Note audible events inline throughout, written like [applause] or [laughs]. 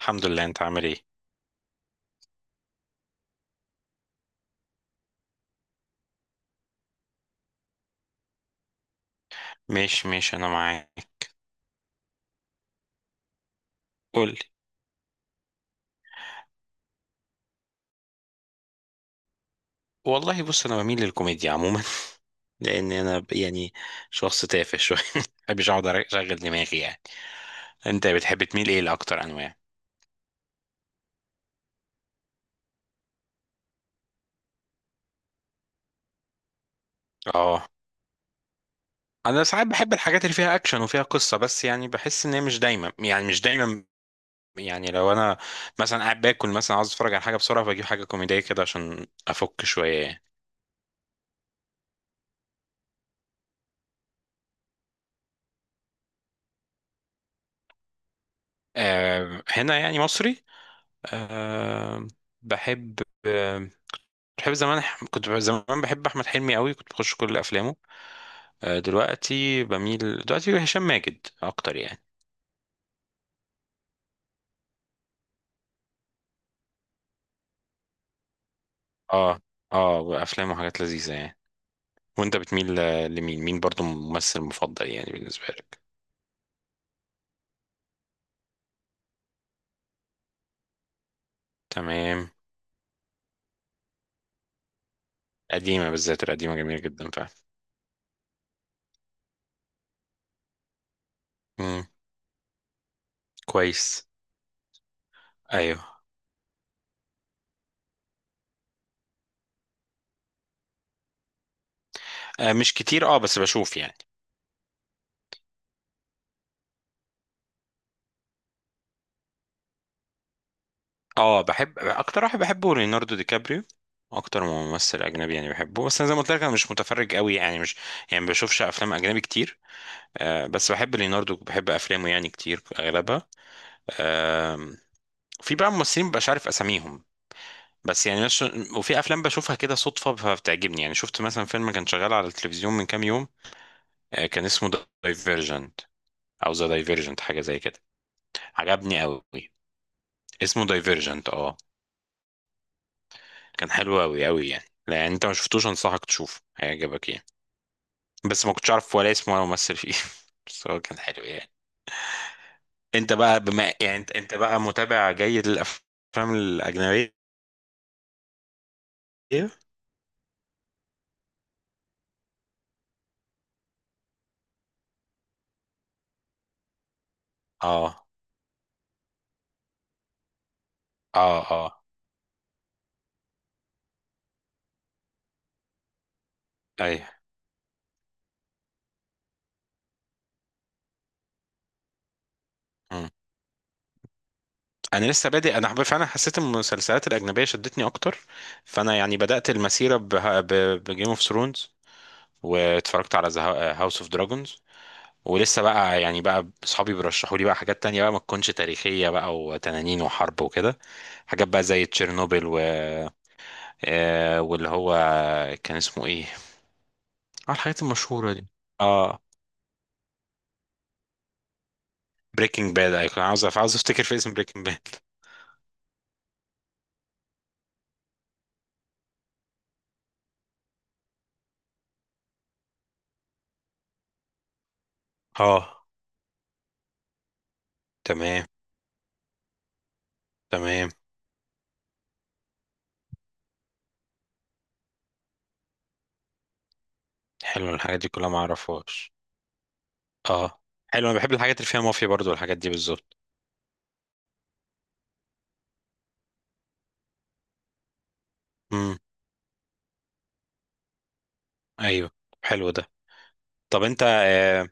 الحمد لله. انت عامل ايه؟ ماشي ماشي، انا معاك. قول لي. والله بص، انا بميل للكوميديا عموما [laughs] لان انا يعني شخص تافه شويه. [laughs] ما بحبش اقعد اشغل دماغي يعني. انت بتحب تميل ايه لاكتر انواع؟ اه، انا ساعات بحب الحاجات اللي فيها اكشن وفيها قصه، بس يعني بحس ان هي مش دايما، يعني مش دايما. يعني لو انا مثلا قاعد باكل مثلا، عاوز اتفرج على حاجه بسرعه، فاجيب حاجه كوميديه كده عشان افك شويه يعني. أه، هنا يعني مصري. أه، بحب بحب زمان، كنت زمان بحب احمد حلمي قوي، كنت بخش كل افلامه. دلوقتي هشام ماجد اكتر يعني. اه اه، افلامه حاجات لذيذه يعني. وانت بتميل لمين، مين برضو ممثل مفضل يعني بالنسبه لك؟ تمام. قديمه بالذات، القديمه جميله جدا فعلا. امم كويس. ايوه. آه مش كتير، اه بس بشوف يعني. اه، بحب، اكتر واحد بحبه ليوناردو دي كابريو، اكتر ممثل اجنبي يعني بحبه، بس انا زي ما قلت لك انا مش متفرج قوي، يعني مش، يعني ما بشوفش افلام اجنبي كتير. آه، بس بحب ليوناردو وبحب افلامه يعني كتير اغلبها. آم، في بقى ممثلين مبقاش عارف اساميهم، بس يعني مش... وفي افلام بشوفها كده صدفه فبتعجبني يعني. شفت مثلا فيلم كان شغال على التلفزيون من كام يوم، كان اسمه دايفيرجنت، او ذا دايفيرجنت حاجه زي كده. عجبني قوي، اسمه دايفيرجنت اه. كان حلو قوي قوي يعني، لا يعني انت ما شفتوش، انصحك تشوفه، هيعجبك يعني. بس ما كنتش عارف ولا اسمه ولا ممثل فيه. [laughs] بس هو كان حلو يعني. انت بقى بما يعني انت بقى متابع جيد للافلام الاجنبيه؟ ايه. اه اه اه. ايوه. مم. انا لسه بادئ، فعلا حسيت ان المسلسلات الاجنبيه شدتني اكتر، فانا يعني بدات المسيره بجيم اوف ثرونز، واتفرجت على هاوس اوف دراجونز. ولسه بقى يعني، بقى اصحابي بيرشحوا لي بقى حاجات تانية بقى، ما تكونش تاريخيه بقى وتنانين وحرب وكده، حاجات بقى زي تشيرنوبل و واللي هو كان اسمه ايه. اه، الحاجات المشهوره دي. اه، بريكنج باد. ايوه، عاوز افتكر في اسم بريكنج باد. اه، تمام تمام. حلو، الحاجات دي كلها ما اعرفهاش. اه، حلو. انا بحب الحاجات اللي فيها مافيا برضو، والحاجات دي بالظبط. امم ايوه، حلو ده. طب انت، آه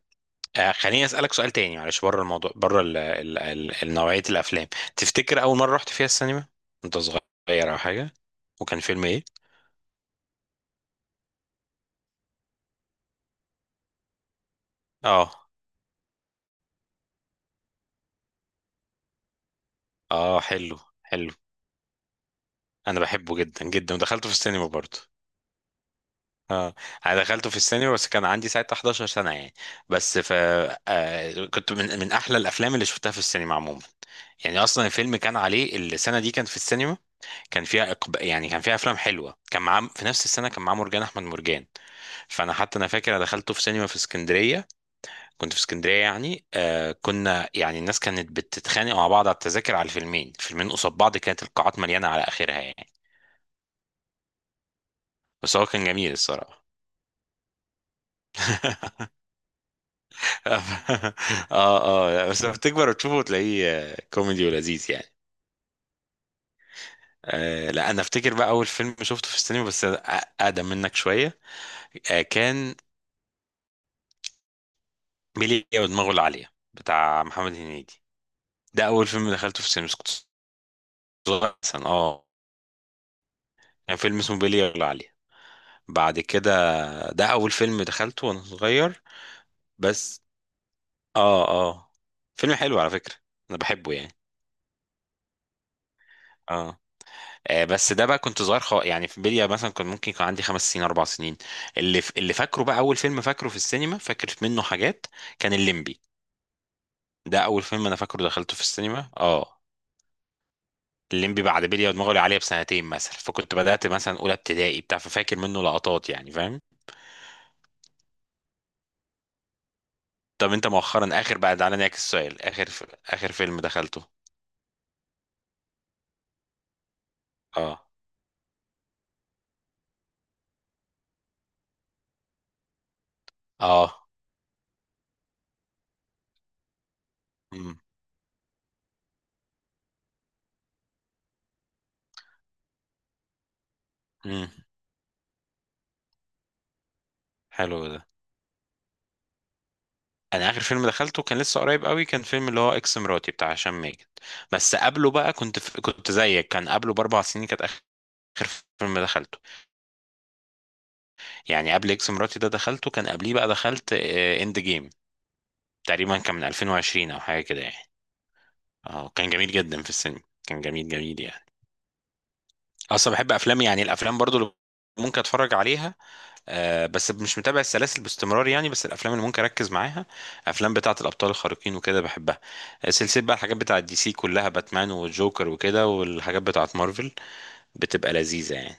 آه، خليني اسالك سؤال تاني معلش، بره الموضوع، بره نوعيه الافلام. تفتكر اول مره رحت فيها السينما انت صغير او حاجه، وكان فيلم ايه؟ اه اه، حلو حلو. انا بحبه جدا جدا، ودخلته في السينما برضو. اه، انا دخلته في السينما بس كان عندي ساعتها 11 سنة يعني. بس ف آه، كنت من احلى الافلام اللي شفتها في السينما عموما، يعني اصلا الفيلم كان عليه السنة دي كان في السينما، كان فيها يعني كان فيها افلام حلوه، كان معاه في نفس السنه كان معاه مرجان احمد مرجان. فانا حتى انا فاكر انا دخلته في سينما في اسكندريه، كنت في اسكندريه يعني. كنا يعني الناس كانت بتتخانق مع بعض على التذاكر، على الفيلمين، قصاد بعض، كانت القاعات مليانه على اخرها يعني، بس هو كان جميل الصراحه. [laughs] [laughs] اه اه. لا، بس لما تكبر وتشوفه تلاقيه كوميدي ولذيذ يعني. آه لا، انا افتكر بقى اول فيلم شفته في السينما، بس اقدم منك شويه. كان ميليا ودماغه العاليه بتاع محمد هنيدي. ده اول فيلم دخلته في السينما بس كنت صغير مثلا اه. كان فيلم اسمه ميليا العاليه. بعد كده، ده اول فيلم دخلته وانا صغير بس. اه اه، فيلم حلو على فكره، انا بحبه يعني. اه، بس ده بقى كنت صغير يعني في بلية مثلا، كان ممكن يكون عندي 5 سنين 4 سنين. اللي فاكره بقى اول فيلم فاكره في السينما، فاكر منه حاجات، كان الليمبي. ده اول فيلم انا فاكره دخلته في السينما اه. الليمبي بعد بلية ودماغي عليا بسنتين مثلا، فكنت بدأت مثلا اولى ابتدائي بتاع، ففاكر منه لقطات يعني فاهم. طب انت مؤخرا، اخر بقى، تعالى نعكس السؤال، اخر اخر فيلم دخلته. اه اه، امم امم حلو ده. انا اخر فيلم دخلته كان لسه قريب قوي، كان فيلم اللي هو اكس مراتي بتاع هشام ماجد، بس قبله بقى كنت زيك، كان قبله ب4 سنين كانت اخر فيلم دخلته. يعني قبل اكس مراتي ده، دخلته كان قبليه بقى، دخلت اند جيم تقريبا كان من 2020 او حاجه كده يعني. اه كان جميل جدا في السينما، كان جميل جميل يعني. اصلا بحب افلام، يعني الافلام برضو اللي ممكن اتفرج عليها. بس مش متابع السلاسل باستمرار يعني، بس الافلام اللي ممكن اركز معاها افلام بتاعه الابطال الخارقين وكده بحبها. سلسله بقى الحاجات بتاعه DC كلها، باتمان والجوكر وكده، والحاجات بتاعه مارفل بتبقى لذيذه يعني.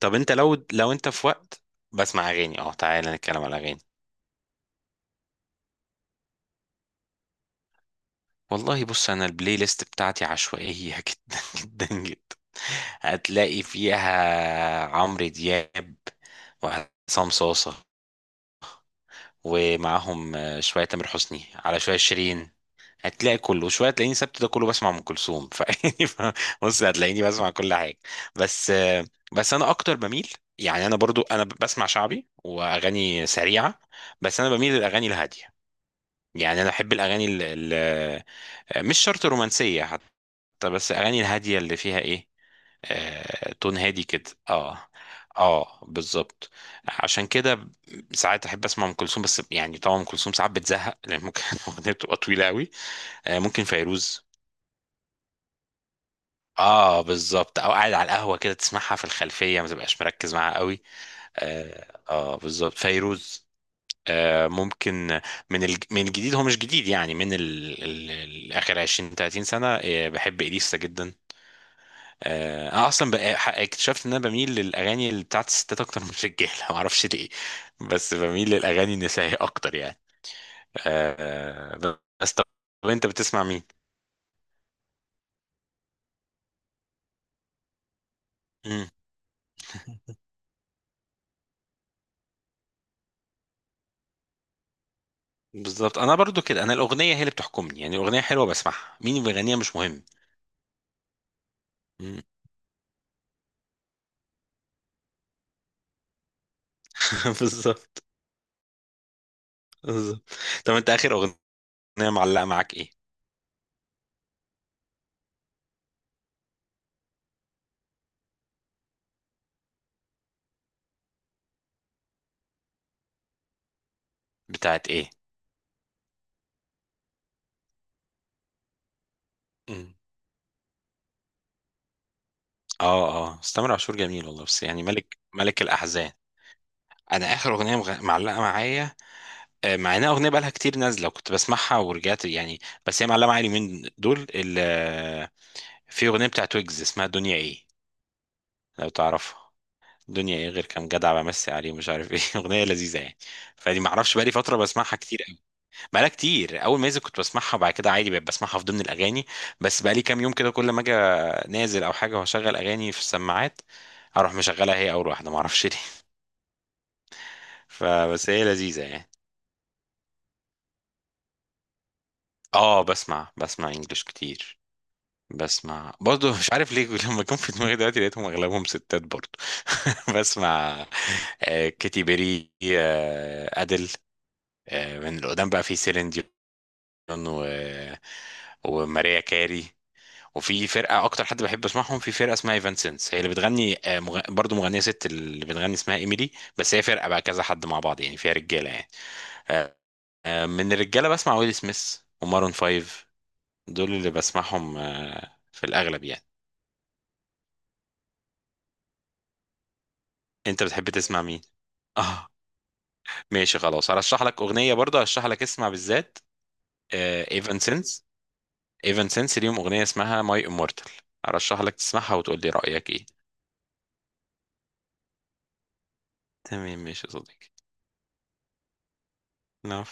طب انت لو، انت في وقت بسمع اغاني، اه تعالى نتكلم على اغاني. والله بص، انا البلاي ليست بتاعتي عشوائيه [laughs] جدا جدا جدا. هتلاقي فيها عمرو دياب وعصام صاصه، ومعاهم شويه تامر حسني على شويه شيرين. هتلاقي كله، وشويه تلاقيني سبت ده كله بسمع ام كلثوم [laughs] فيعني بص هتلاقيني بسمع كل حاجه. بس بس انا اكتر بميل، يعني انا برضو انا بسمع شعبي واغاني سريعه، بس انا بميل للاغاني الهاديه، يعني انا بحب الاغاني ال ال مش شرط رومانسيه حتى، بس الاغاني الهاديه اللي فيها ايه، تون هادي كده اه. اه بالظبط. عشان كده ساعات احب اسمع ام كلثوم، بس يعني طبعا ام كلثوم ساعات بتزهق لان ممكن [laughs] الاغنيه بتبقى طويله قوي. ممكن فيروز. اه بالظبط، او قاعد على القهوه كده تسمعها في الخلفيه ما تبقاش مركز معاها قوي. اه, بالظبط فيروز. ممكن. من الجديد، هو مش جديد يعني، من اخر 20 30 سنه. بحب اليسا جدا. انا اصلا اكتشفت ان انا بميل للاغاني اللي بتاعت الستات اكتر من الرجاله [laughs] ما اعرفش ليه. بس بميل للاغاني النسائيه اكتر يعني. بس طب انت بتسمع مين؟ بالظبط، انا برضو كده، انا الاغنيه هي اللي بتحكمني، يعني الاغنيه حلوه بسمعها، مين اللي بيغنيها مش مهم. مم. [laughs] بالظبط بالظبط. طب انت اخر اغنيه معلقه معاك ايه؟ بتاعت ايه؟ مم. اه اه، بس تامر عاشور جميل والله، بس يعني ملك الاحزان. انا اخر اغنيه معلقه معايا، مع انها اغنيه بقالها كتير نازله وكنت بسمعها ورجعت يعني، بس هي معلقه معايا اليومين دول في اغنيه بتاعت ويجز اسمها دنيا ايه، لو تعرفها. دنيا ايه غير كام جدع بمسي عليه ومش عارف ايه. [laughs] اغنيه لذيذه يعني، فدي ما اعرفش بقالي فتره بسمعها كتير قوي. بقالها كتير، اول ما نزل كنت بسمعها، وبعد كده عادي بقيت بسمعها في ضمن الاغاني. بس بقالي كام يوم كده كل ما اجي نازل او حاجه واشغل اغاني في السماعات، اروح مشغلها هي اول واحده، ما اعرفش ليه. [laughs] فبس هي لذيذه يعني. اه بسمع انجلش كتير. بسمع برضه مش عارف ليه [laughs] لما كان في دماغي دلوقتي لقيتهم اغلبهم ستات برضه. [laughs] بسمع كيتي بيري، ادل، من اللي قدام بقى في سيلين ديون و... وماريا كاري. وفي فرقة أكتر حد بحب أسمعهم، في فرقة اسمها ايفانسنس هي اللي بتغني، برضو مغنية ست اللي بتغني اسمها إيميلي. بس هي فرقة بقى كذا حد مع بعض يعني فيها رجالة يعني. آه، من الرجالة بسمع ويل سميث ومارون فايف. دول اللي بسمعهم في الأغلب يعني. أنت بتحب تسمع مين؟ [laughs] آه ماشي خلاص، هرشح لك أغنية برضو، هرشح لك اسمع بالذات ايفانسنس. ايفن سينس ليهم اغنيه اسمها ماي امورتال، ارشح لك تسمعها وتقول لي رايك ايه. تمام ماشي يا صديقي. نعم.